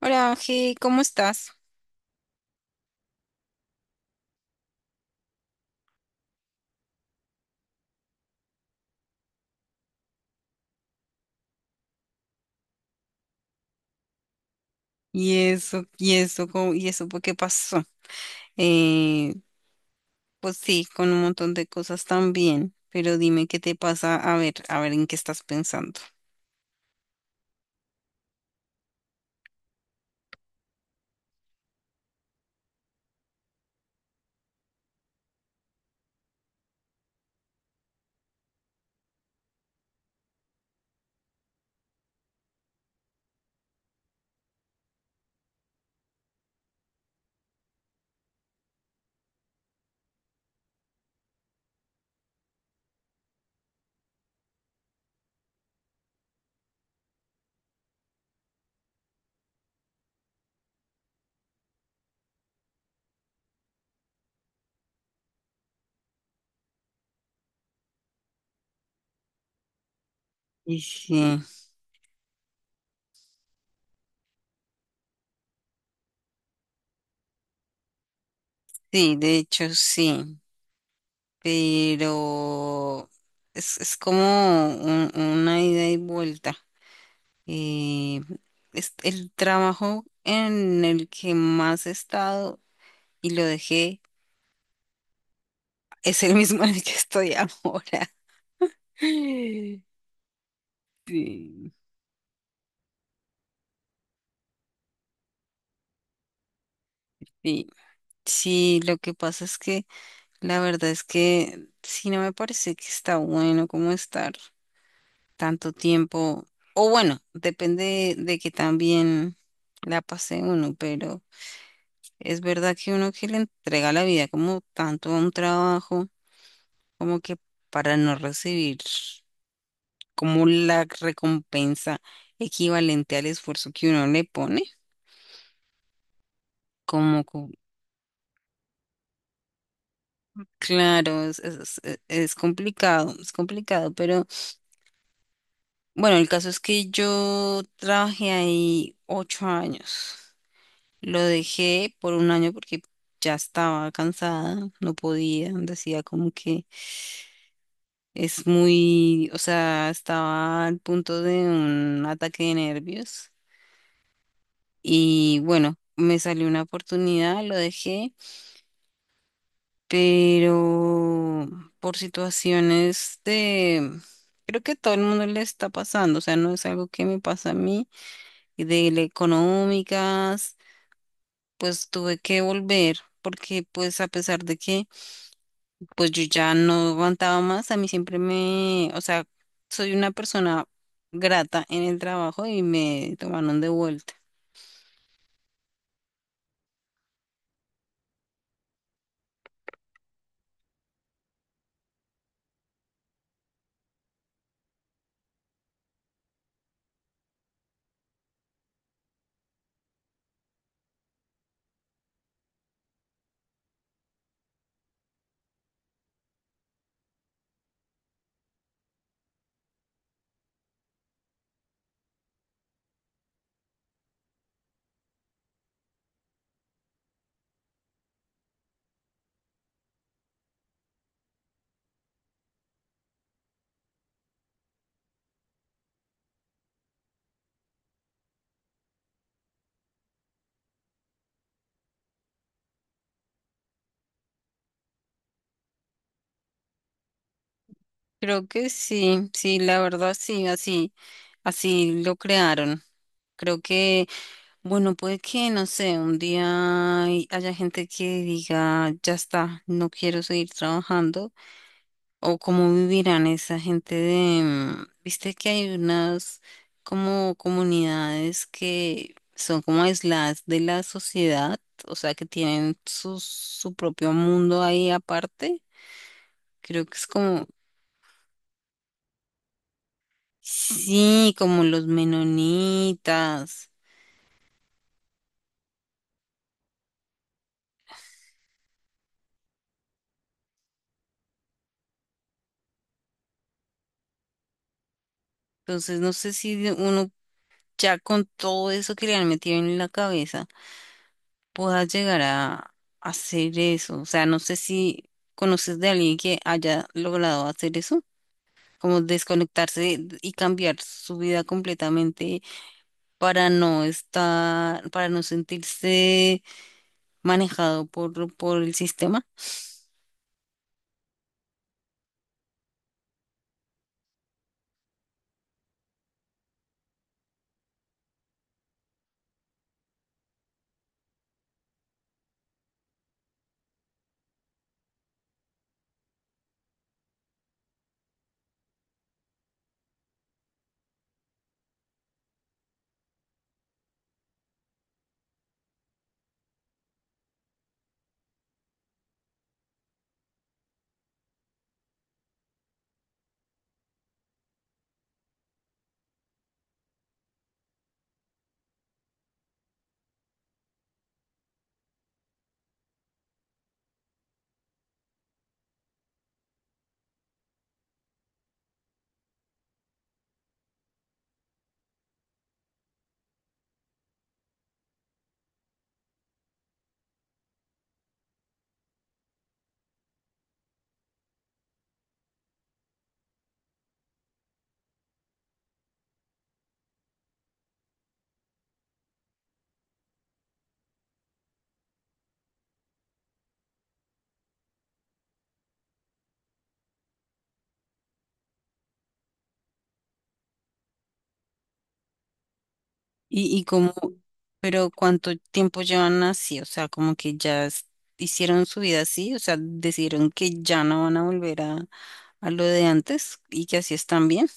Hola, Ángel, ¿cómo estás? Y eso, ¿por qué pasó? Eh, pues sí, con un montón de cosas también, pero dime qué te pasa, a ver en qué estás pensando. Y sí, sí, de hecho sí. Pero es como una ida y vuelta. Eh, es el trabajo en el que más he estado y lo dejé, es el mismo en el que estoy ahora. Sí, sí. Sí, lo que pasa es que la verdad es que sí, no me parece que está bueno como estar tanto tiempo. O bueno, depende de que también la pase uno, pero es verdad que uno que le entrega la vida como tanto a un trabajo, como que para no recibir como la recompensa equivalente al esfuerzo que uno le pone, como, co- claro, es complicado, pero bueno, el caso es que yo trabajé ahí ocho años. Lo dejé por un año porque ya estaba cansada, no podía, decía como que es muy, o sea, estaba al punto de un ataque de nervios. Y bueno, me salió una oportunidad, lo dejé, pero por situaciones de, creo que todo el mundo le está pasando, o sea, no es algo que me pasa a mí, y de la económicas, pues tuve que volver, porque pues a pesar de que pues yo ya no aguantaba más, a mí siempre me, o sea, soy una persona grata en el trabajo y me tomaron de vuelta. Creo que sí, sí, la verdad sí, así, así lo crearon. Creo que, bueno, puede que, no sé, un día haya gente que diga, ya está, no quiero seguir trabajando, o cómo vivirán esa gente de, mm, viste que hay unas como comunidades que son como aisladas de la sociedad, o sea, que tienen su, su propio mundo ahí aparte. Creo que es como, sí, como los menonitas. Entonces, no sé si uno ya con todo eso que le han metido en la cabeza pueda llegar a hacer eso. O sea, no sé si conoces de alguien que haya logrado hacer eso, como desconectarse y cambiar su vida completamente para no estar, para no sentirse manejado por el sistema. y, y como, pero ¿cuánto tiempo llevan así? O sea, como que hicieron su vida así, o sea, decidieron que ya no van a volver a lo de antes y que así están bien.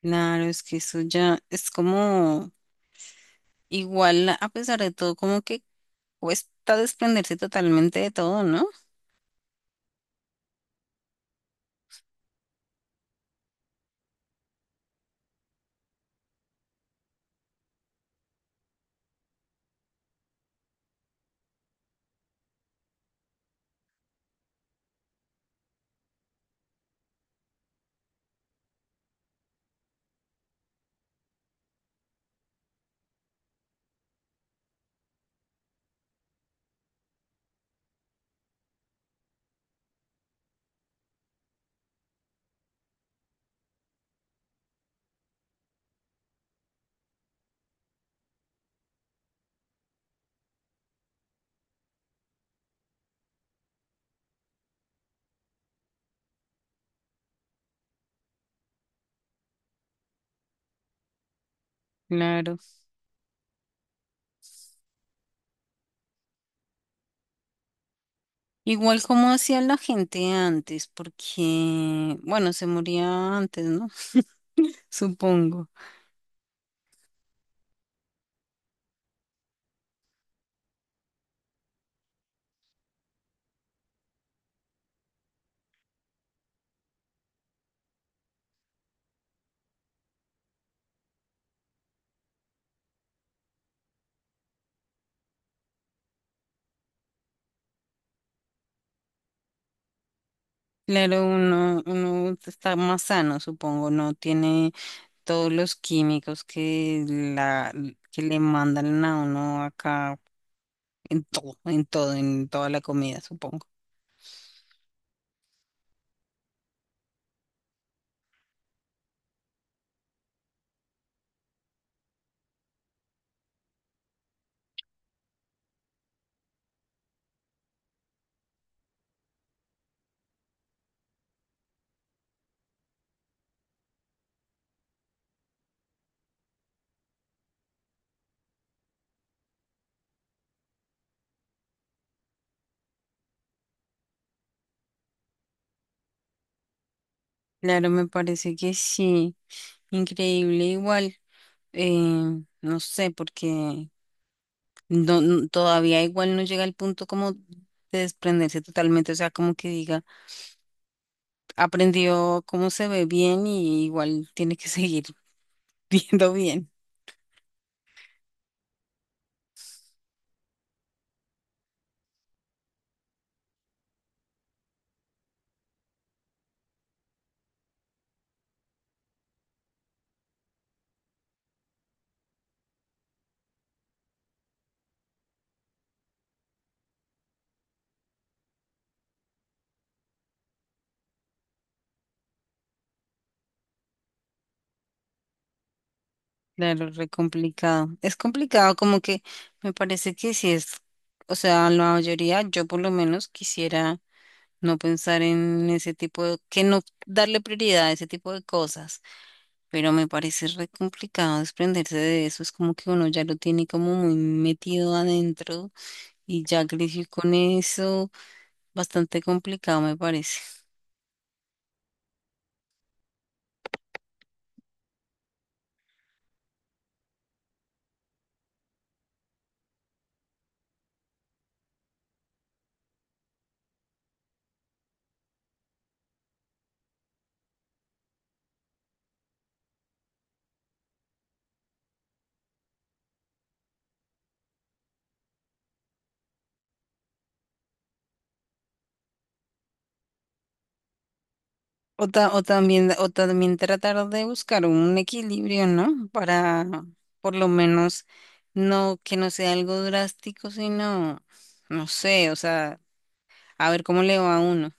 Claro, es que eso ya es como igual, a pesar de todo, como que cuesta desprenderse totalmente de todo, ¿no? Claro. Igual como hacía la gente antes, porque, bueno, se moría antes, ¿no? Supongo. Claro, uno está más sano, supongo, no tiene todos los químicos que la, que le mandan a uno acá en todo, en todo, en toda la comida, supongo. Claro, me parece que sí. Increíble, igual. No sé, porque todavía igual no llega al punto como de desprenderse totalmente, o sea, como que diga, aprendió cómo se ve bien y igual tiene que seguir viendo bien. Claro, re complicado. Es complicado, como que me parece que si es, o sea, la mayoría, yo por lo menos quisiera no pensar en ese tipo de, que no darle prioridad a ese tipo de cosas, pero me parece re complicado desprenderse de eso. Es como que uno ya lo tiene como muy metido adentro y ya creció con eso, bastante complicado me parece. O también tratar de buscar un equilibrio, ¿no? Para por lo menos no que no sea algo drástico, sino, no sé, o sea, a ver cómo le va a uno.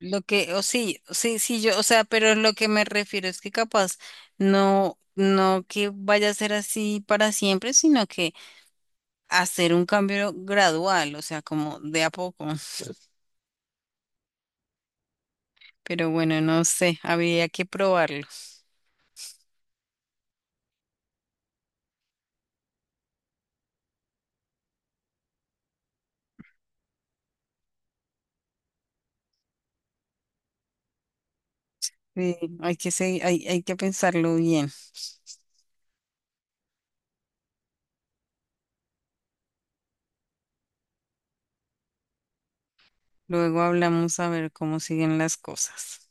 Lo que, o Sí, sí, sí, yo, o sea, pero lo que me refiero es que capaz no, no que vaya a ser así para siempre, sino que hacer un cambio gradual, o sea, como de a poco. Pero bueno, no sé, habría que probarlo. Sí, hay que, hay, hay que pensarlo bien. Luego hablamos a ver cómo siguen las cosas.